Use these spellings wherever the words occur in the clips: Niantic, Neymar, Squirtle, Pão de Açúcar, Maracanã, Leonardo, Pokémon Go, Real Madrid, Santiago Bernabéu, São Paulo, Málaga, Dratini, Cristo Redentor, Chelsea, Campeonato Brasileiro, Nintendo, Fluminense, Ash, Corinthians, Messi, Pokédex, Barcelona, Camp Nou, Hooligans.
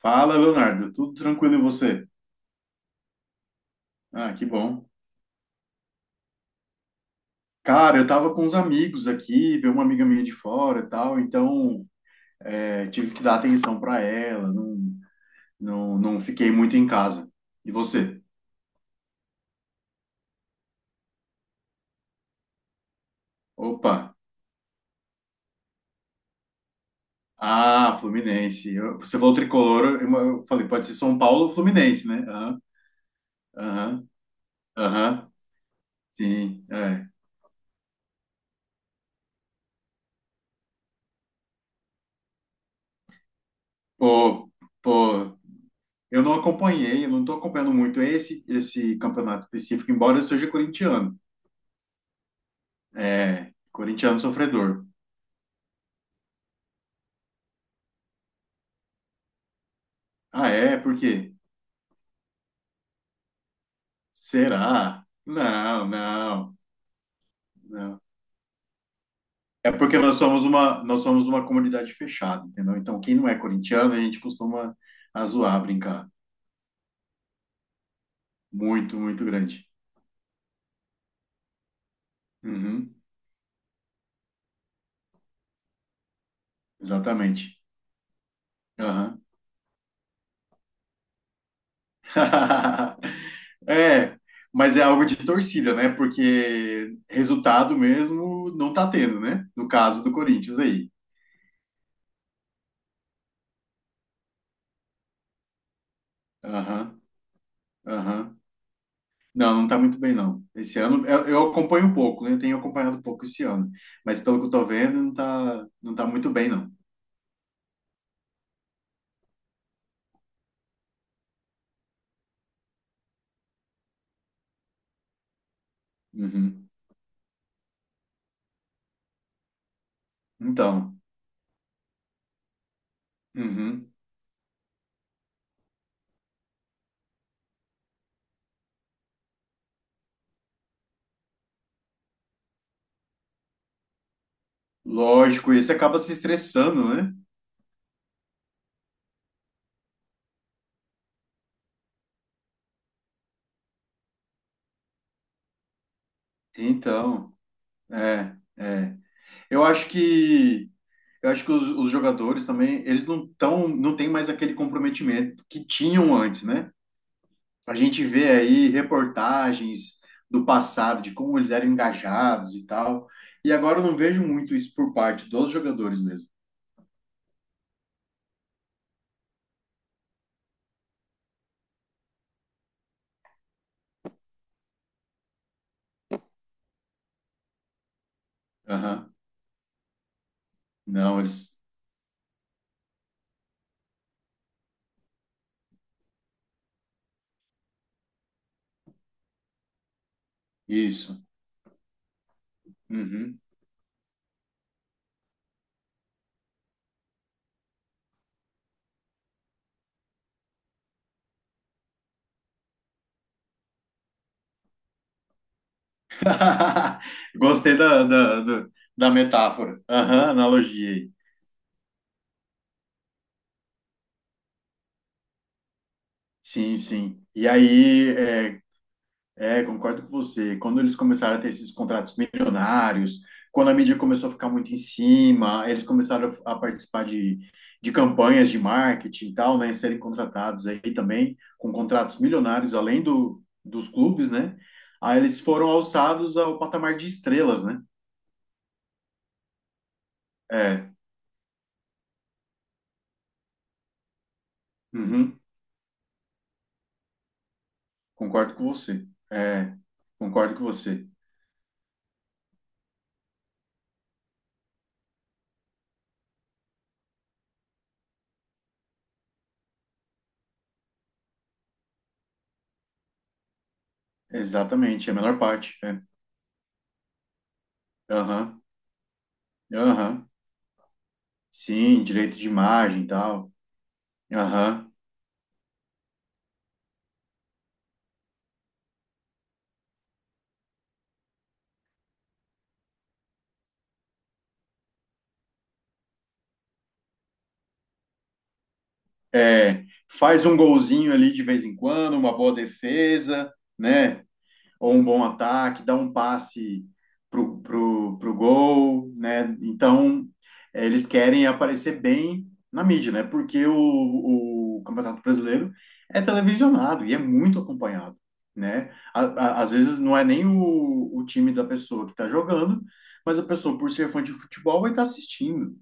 Fala, Leonardo. Tudo tranquilo e você? Ah, que bom. Cara, eu tava com uns amigos aqui, veio uma amiga minha de fora e tal, então tive que dar atenção para ela, não, não, não fiquei muito em casa. E você? Opa! Ah, Fluminense. Você falou tricolor, eu falei, pode ser São Paulo ou Fluminense, né? Aham, aham, aham. Sim, é. Pô, pô, eu não acompanhei, eu não tô acompanhando muito esse campeonato específico, embora eu seja corintiano. É, corintiano sofredor. Ah, é? Por quê? Será? Não, não, não. É porque nós somos uma comunidade fechada, entendeu? Então, quem não é corintiano, a gente costuma a zoar, brincar. Muito, muito grande. Uhum, exatamente. Aham. É, mas é algo de torcida, né? Porque resultado mesmo não tá tendo, né? No caso do Corinthians aí. Aham, aham. Não, não tá muito bem, não. Esse ano, eu acompanho um pouco, né? Eu tenho acompanhado um pouco esse ano. Mas pelo que eu tô vendo, não tá muito bem, não. Uhum. Então, uhum. Lógico, esse acaba se estressando, né? Então, é, é. Eu acho que, eu acho que os jogadores também, eles não tão, não têm mais aquele comprometimento que tinham antes, né? A gente vê aí reportagens do passado, de como eles eram engajados e tal. E agora eu não vejo muito isso por parte dos jogadores mesmo. Aham. Não, eles. Isso. Uhum. Gostei da metáfora. Aham, analogia aí. Sim, sim. E aí, É, concordo com você. Quando eles começaram a ter esses contratos milionários, quando a mídia começou a ficar muito em cima, eles começaram a participar de campanhas de marketing e tal, né? Serem contratados aí também com contratos milionários, além do, dos clubes, né? Aí eles foram alçados ao patamar de estrelas, né? É, uhum, concordo com você. É, concordo com você. Exatamente, é a menor parte. É. Aham, aham. Sim, direito de imagem e tal. Aham. É, faz um golzinho ali de vez em quando, uma boa defesa, né? Ou um bom ataque, dá um passe pro gol, né? Então, eles querem aparecer bem na mídia, né? Porque o Campeonato Brasileiro é televisionado e é muito acompanhado, né? Às vezes não é nem o time da pessoa que está jogando, mas a pessoa, por ser fã de futebol, vai estar assistindo,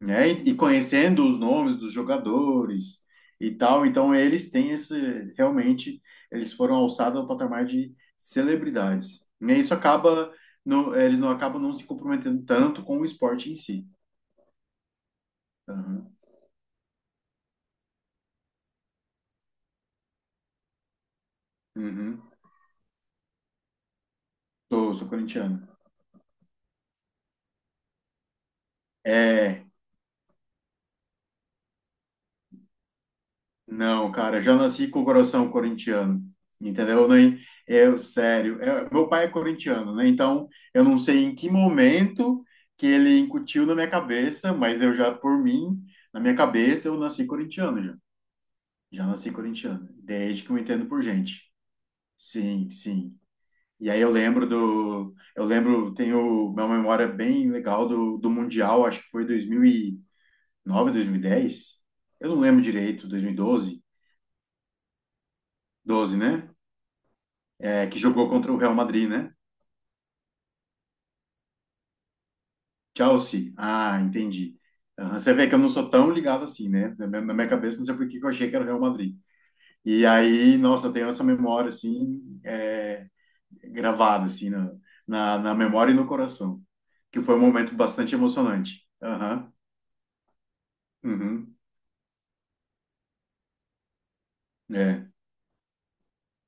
né? E, conhecendo os nomes dos jogadores e tal, então eles têm esse, realmente, eles foram alçados ao patamar de celebridades. E isso acaba, eles não acabam não se comprometendo tanto com o esporte em si. Aham. Uhum. Sou, sou corintiano. É, não, cara, já nasci com o coração corintiano, entendeu? Nem eu, sério. Meu pai é corintiano, né? Então, eu não sei em que momento que ele incutiu na minha cabeça, mas eu já, por mim, na minha cabeça, eu nasci corintiano já. Já nasci corintiano, desde que eu entendo por gente. Sim, sim. E aí eu lembro do, eu lembro, tenho uma memória bem legal do Mundial, acho que foi 2009, dez. Eu não lembro direito, dois mil e doze, né? Que jogou contra o Real Madrid, né? Chelsea. Ah, entendi. Aham, você vê que eu não sou tão ligado assim, né? Na minha cabeça, não sei por que que eu achei que era o Real Madrid. E aí, nossa, eu tenho essa memória, assim, gravada, assim, na memória e no coração. Que foi um momento bastante emocionante. Aham, uhum, é.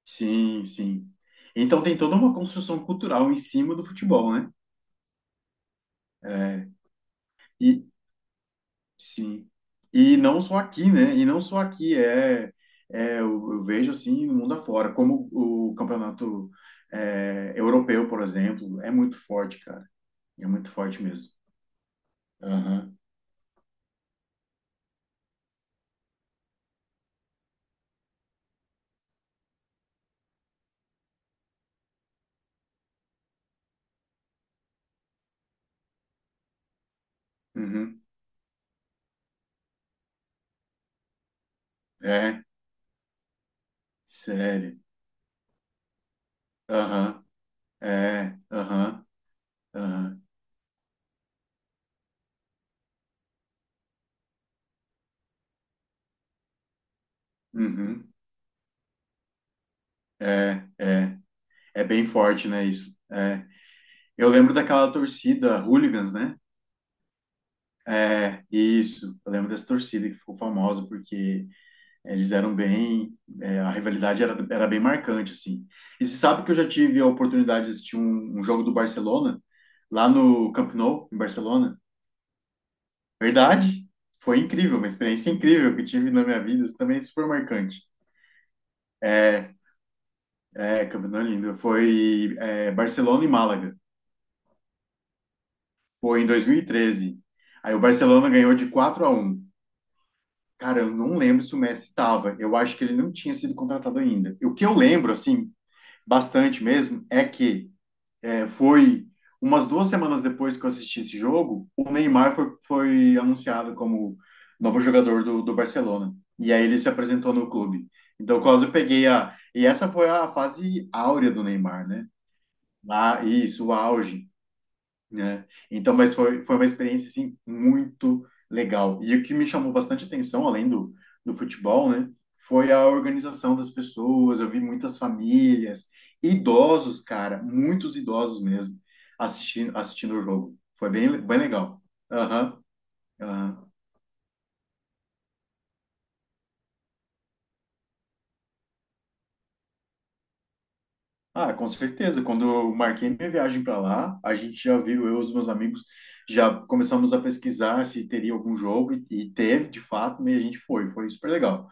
Sim, sim. Então tem toda uma construção cultural em cima do futebol, né? É, e, sim. E não só aqui, né? E não só aqui, eu vejo assim no mundo afora, como o campeonato europeu, por exemplo, é muito forte, cara. É muito forte mesmo. Aham. Uhum. É, sério. Aham. É, aham. Aham. Uhum. É, é. É bem forte, né, isso? É. Eu lembro daquela torcida Hooligans, né? É, isso. Eu lembro dessa torcida que ficou famosa porque eles eram bem, a rivalidade era bem marcante, assim. E você sabe que eu já tive a oportunidade de assistir um jogo do Barcelona, lá no Camp Nou, em Barcelona. Verdade, foi incrível, uma experiência incrível que tive na minha vida, isso também é super marcante. É, Camp Nou é lindo, foi Barcelona e Málaga, foi em 2013. Aí o Barcelona ganhou de 4-1. Cara, eu não lembro se o Messi estava, eu acho que ele não tinha sido contratado ainda. E o que eu lembro, assim, bastante mesmo, é que foi umas 2 semanas depois que eu assisti esse jogo, o Neymar foi anunciado como novo jogador do Barcelona. E aí ele se apresentou no clube. Então, quase eu peguei a. E essa foi a fase áurea do Neymar, né? Lá, isso, o auge, né? Então, mas foi uma experiência, assim, muito legal. E o que me chamou bastante atenção, além do futebol, né? Foi a organização das pessoas, eu vi muitas famílias, idosos, cara, muitos idosos mesmo, assistindo o jogo. Foi bem, bem legal. Aham, aham. Ah, com certeza. Quando eu marquei minha viagem para lá, a gente já viu, eu e os meus amigos, já começamos a pesquisar se teria algum jogo, e teve, de fato, e a gente foi. Foi super legal.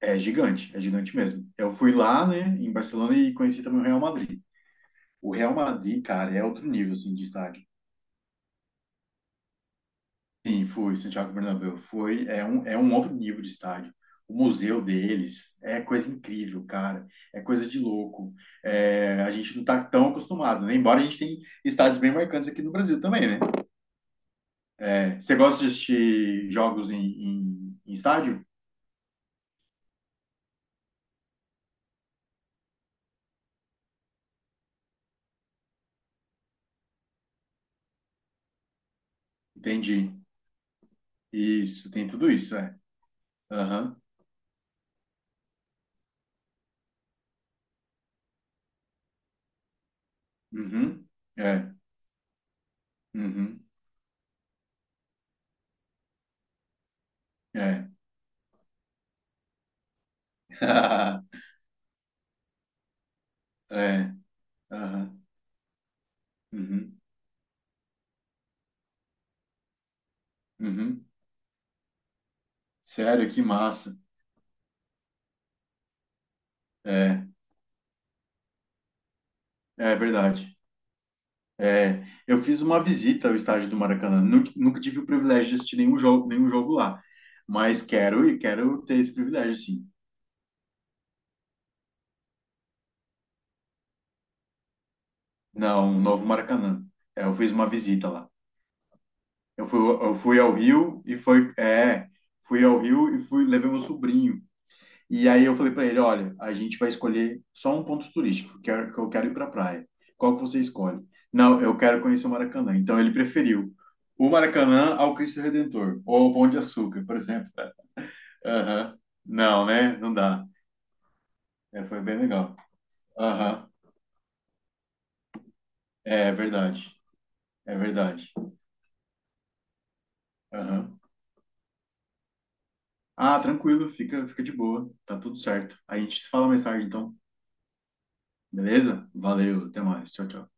É gigante mesmo. Eu fui lá, né, em Barcelona e conheci também o Real Madrid. O Real Madrid, cara, é outro nível, assim, de estádio. Sim, fui, Santiago Bernabéu. Foi, é um outro nível de estádio. O museu deles é coisa incrível, cara. É coisa de louco. É, a gente não tá tão acostumado, né? Embora a gente tenha estádios bem marcantes aqui no Brasil também, né? É, você gosta de assistir jogos em, estádio? Entendi. Isso, tem tudo isso, é. Aham. Uhum. É. Uhum. É. Ah, é, aham, uhum, uhum. Sério, que massa. É, é verdade. É, eu fiz uma visita ao estádio do Maracanã. Nunca, nunca tive o privilégio de assistir nenhum jogo lá, mas quero e quero ter esse privilégio, sim. Não, o novo Maracanã. É, eu fiz uma visita lá. Eu fui ao Rio e fui ao Rio e fui, levei meu sobrinho. E aí eu falei para ele, olha, a gente vai escolher só um ponto turístico, que eu quero ir para a praia. Qual que você escolhe? Não, eu quero conhecer o Maracanã. Então ele preferiu o Maracanã ao Cristo Redentor, ou ao Pão de Açúcar, por exemplo, né? Aham. Não, né? Não dá. É, foi bem legal. Aham. É verdade. É verdade. Aham. Ah, tranquilo, fica, fica de boa. Tá tudo certo. A gente se fala mais tarde, então. Beleza? Valeu, até mais. Tchau, tchau.